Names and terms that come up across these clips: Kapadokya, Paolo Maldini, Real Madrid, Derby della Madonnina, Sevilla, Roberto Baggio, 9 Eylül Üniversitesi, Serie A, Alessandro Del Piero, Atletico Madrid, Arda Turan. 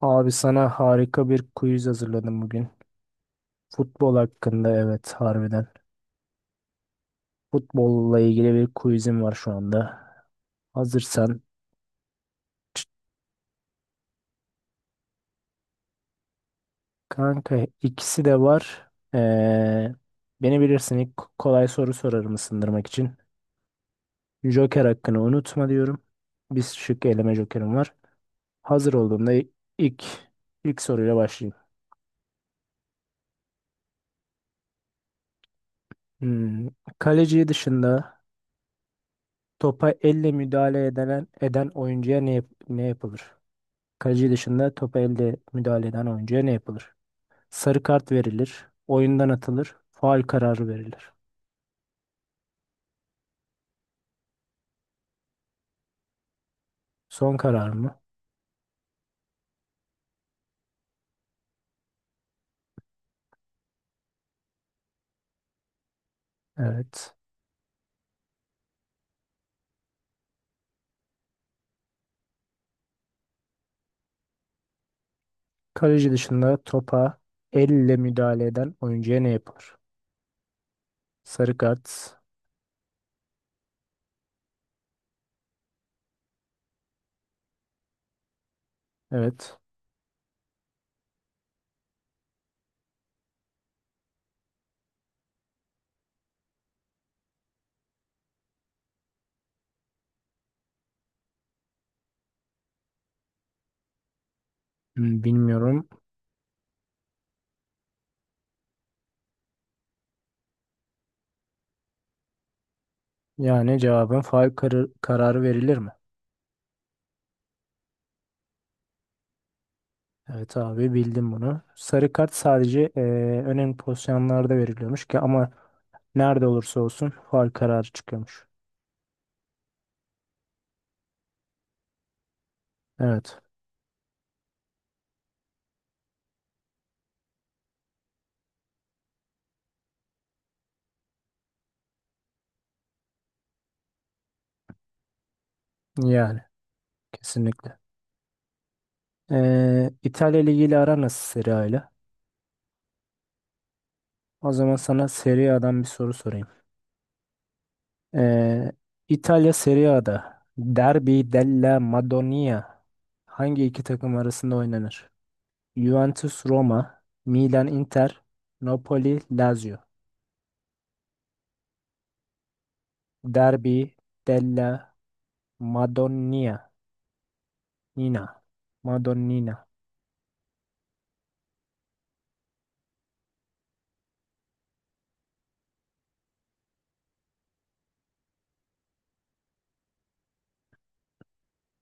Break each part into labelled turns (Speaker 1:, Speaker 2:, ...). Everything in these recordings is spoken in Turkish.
Speaker 1: Abi sana harika bir quiz hazırladım bugün. Futbol hakkında evet harbiden. Futbolla ilgili bir quizim var şu anda. Hazırsan. Kanka ikisi de var. Beni bilirsin ilk kolay soru sorarım ısındırmak için. Joker hakkını unutma diyorum. Bir şık eleme jokerim var. Hazır olduğumda ilk ilk soruyla başlayayım. Hmm, Kaleci dışında topa elle müdahale eden oyuncuya ne yapılır? Kaleci dışında topa elde müdahale eden oyuncuya ne yapılır? Sarı kart verilir. Oyundan atılır. Faul kararı verilir. Son karar mı? Evet. Kaleci dışında topa elle müdahale eden oyuncuya ne yapılır? Sarı kart. Evet. Bilmiyorum. Yani cevabın faul kararı verilir mi? Evet abi bildim bunu. Sarı kart sadece önemli pozisyonlarda veriliyormuş ki ama nerede olursa olsun faul kararı çıkıyormuş. Evet. Yani kesinlikle. İtalya Ligi ile aran nasıl Serie A ile? O zaman sana Serie A'dan bir soru sorayım. Ee, İtalya Serie A'da Derby della Madonia hangi iki takım arasında oynanır? Juventus Roma, Milan Inter, Napoli Lazio. Derby della Madonia. Nina. Madonnina.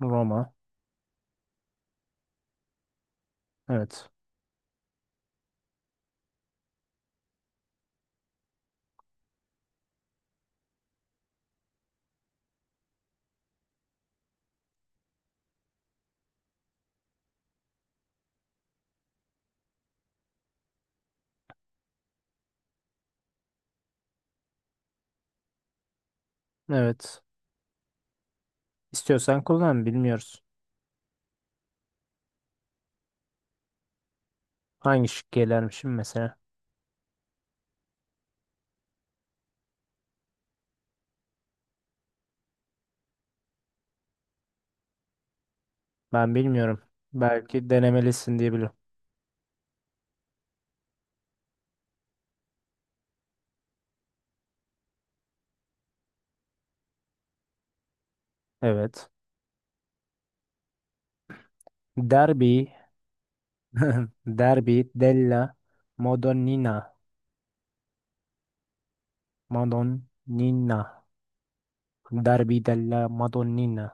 Speaker 1: Roma. Evet. Evet. İstiyorsan kullan bilmiyoruz. Hangi şık gelermişim mesela? Ben bilmiyorum. Belki denemelisin diye biliyorum. Evet. Derbi. Derbi della Madonnina. Madonnina. Derbi della Madonnina.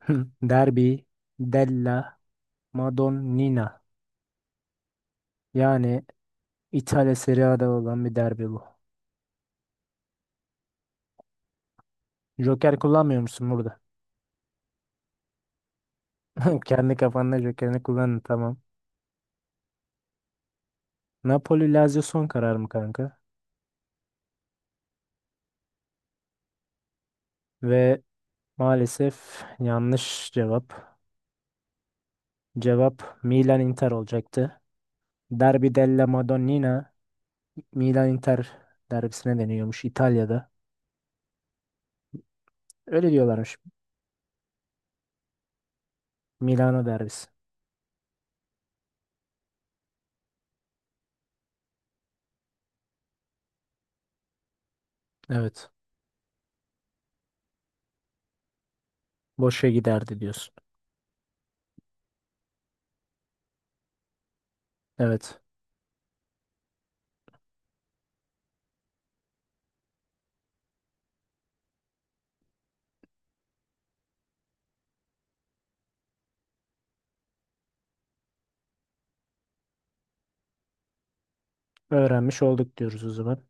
Speaker 1: Derbi della Madonnina. Yani İtalya Serie A'da olan bir derbi bu. Joker kullanmıyor musun burada? Kendi kafanda Joker'ini kullanın tamam. Napoli Lazio son karar mı kanka? Ve maalesef yanlış cevap. Cevap Milan Inter olacaktı. Derbi della Madonnina Milan-Inter derbisine deniyormuş İtalya'da. Öyle diyorlarmış. Milano derbisi. Evet. Boşa giderdi diyorsun. Evet. Öğrenmiş olduk diyoruz o zaman.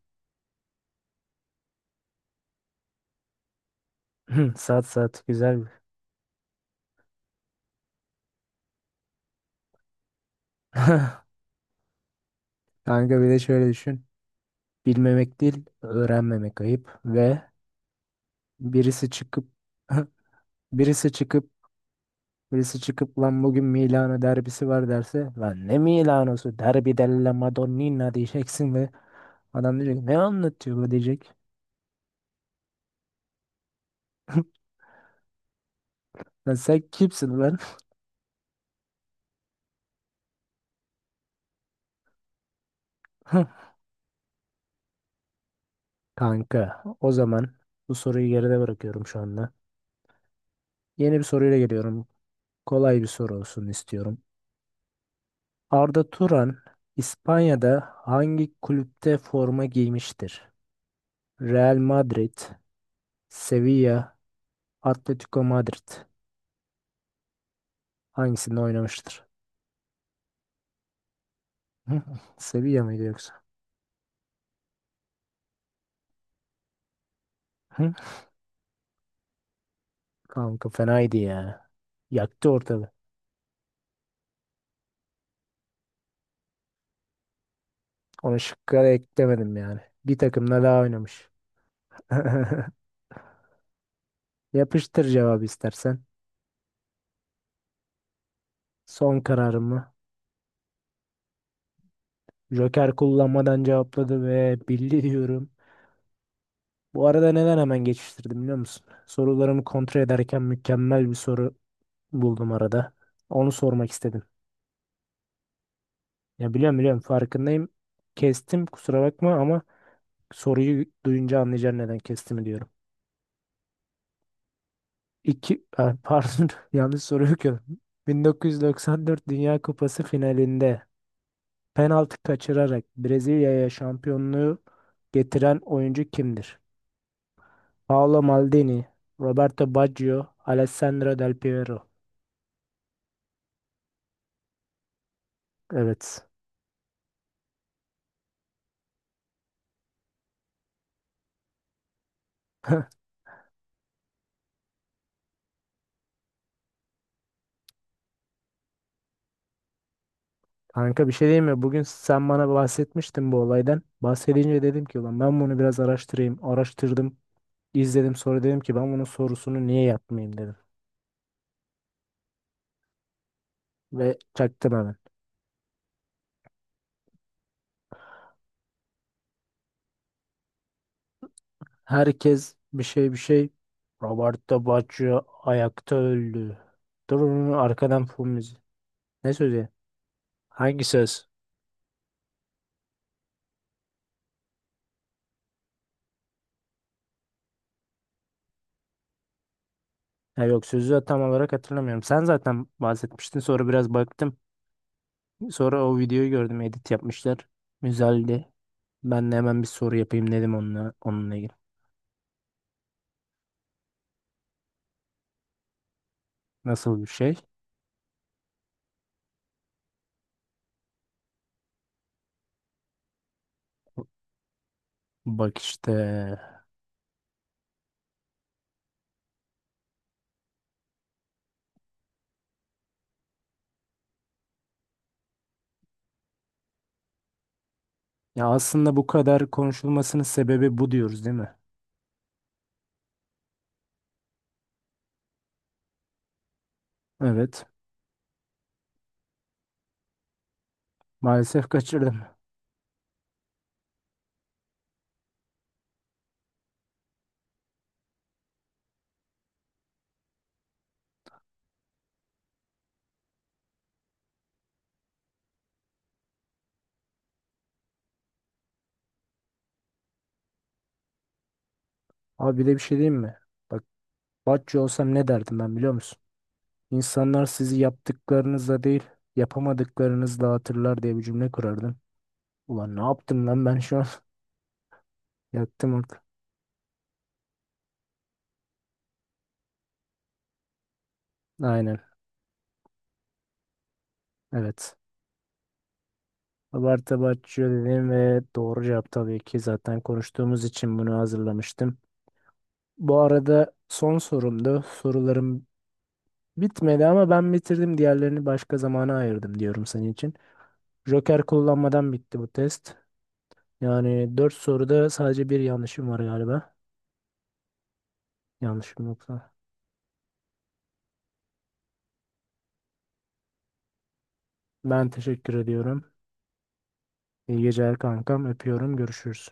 Speaker 1: Saat saat güzel. Kanka bir de şöyle düşün. Bilmemek değil, öğrenmemek ayıp ve birisi çıkıp birisi çıkıp birisi çıkıp lan bugün Milano derbisi var derse lan ne Milano'su derbi della Madonnina diyeceksin ve adam diyecek ne anlatıyor bu diyecek. Lan sen kimsin ulan? Kanka, o zaman bu soruyu geride bırakıyorum şu anda. Yeni bir soruyla geliyorum. Kolay bir soru olsun istiyorum. Arda Turan İspanya'da hangi kulüpte forma giymiştir? Real Madrid, Sevilla, Atletico Madrid. Hangisinde oynamıştır? Hı? Sevilla mıydı yoksa? Hı? Kanka fenaydı ya. Yaktı ortalığı. Onu şıkka da eklemedim yani. Bir takımla daha oynamış. Yapıştır cevabı istersen. Son kararımı. Joker kullanmadan cevapladı ve bildi diyorum. Bu arada neden hemen geçiştirdim biliyor musun? Sorularımı kontrol ederken mükemmel bir soru buldum arada. Onu sormak istedim. Ya biliyorum biliyorum farkındayım. Kestim kusura bakma ama soruyu duyunca anlayacaksın neden kestiğimi diyorum. İki, ha, pardon yanlış soru okuyorum. 1994 Dünya Kupası finalinde penaltı kaçırarak Brezilya'ya şampiyonluğu getiren oyuncu kimdir? Paolo Maldini, Roberto Baggio, Alessandro Del Piero. Evet. Kanka bir şey diyeyim mi? Bugün sen bana bahsetmiştin bu olaydan. Bahsedince dedim ki ulan ben bunu biraz araştırayım. Araştırdım, izledim sonra dedim ki ben bunun sorusunu niye yapmayayım dedim. Ve çaktım hemen. Herkes bir şey bir şey. Roberto Baggio ayakta öldü. Dur dur, arkadan fon müziği. Ne sözü? Hangi söz? Ya yok sözü tam olarak hatırlamıyorum. Sen zaten bahsetmiştin sonra biraz baktım. Sonra o videoyu gördüm edit yapmışlar. Güzeldi. Ben de hemen bir soru yapayım dedim onunla ilgili. Nasıl bir şey? Bak işte. Ya aslında bu kadar konuşulmasının sebebi bu diyoruz değil mi? Evet. Maalesef kaçırdım. Abi bir de bir şey diyeyim mi? Bak Batçı olsam ne derdim ben biliyor musun? İnsanlar sizi yaptıklarınızla değil yapamadıklarınızla hatırlar diye bir cümle kurardım. Ulan ne yaptım lan ben şu an? Yaktım orada. Aynen. Evet. Abartı abartıyor dedim ve doğru cevap tabii ki zaten konuştuğumuz için bunu hazırlamıştım. Bu arada son sorumdu. Sorularım bitmedi ama ben bitirdim. Diğerlerini başka zamana ayırdım diyorum senin için. Joker kullanmadan bitti bu test. Yani 4 soruda sadece bir yanlışım var galiba. Yanlışım yoksa. Ben teşekkür ediyorum. İyi geceler kankam. Öpüyorum. Görüşürüz.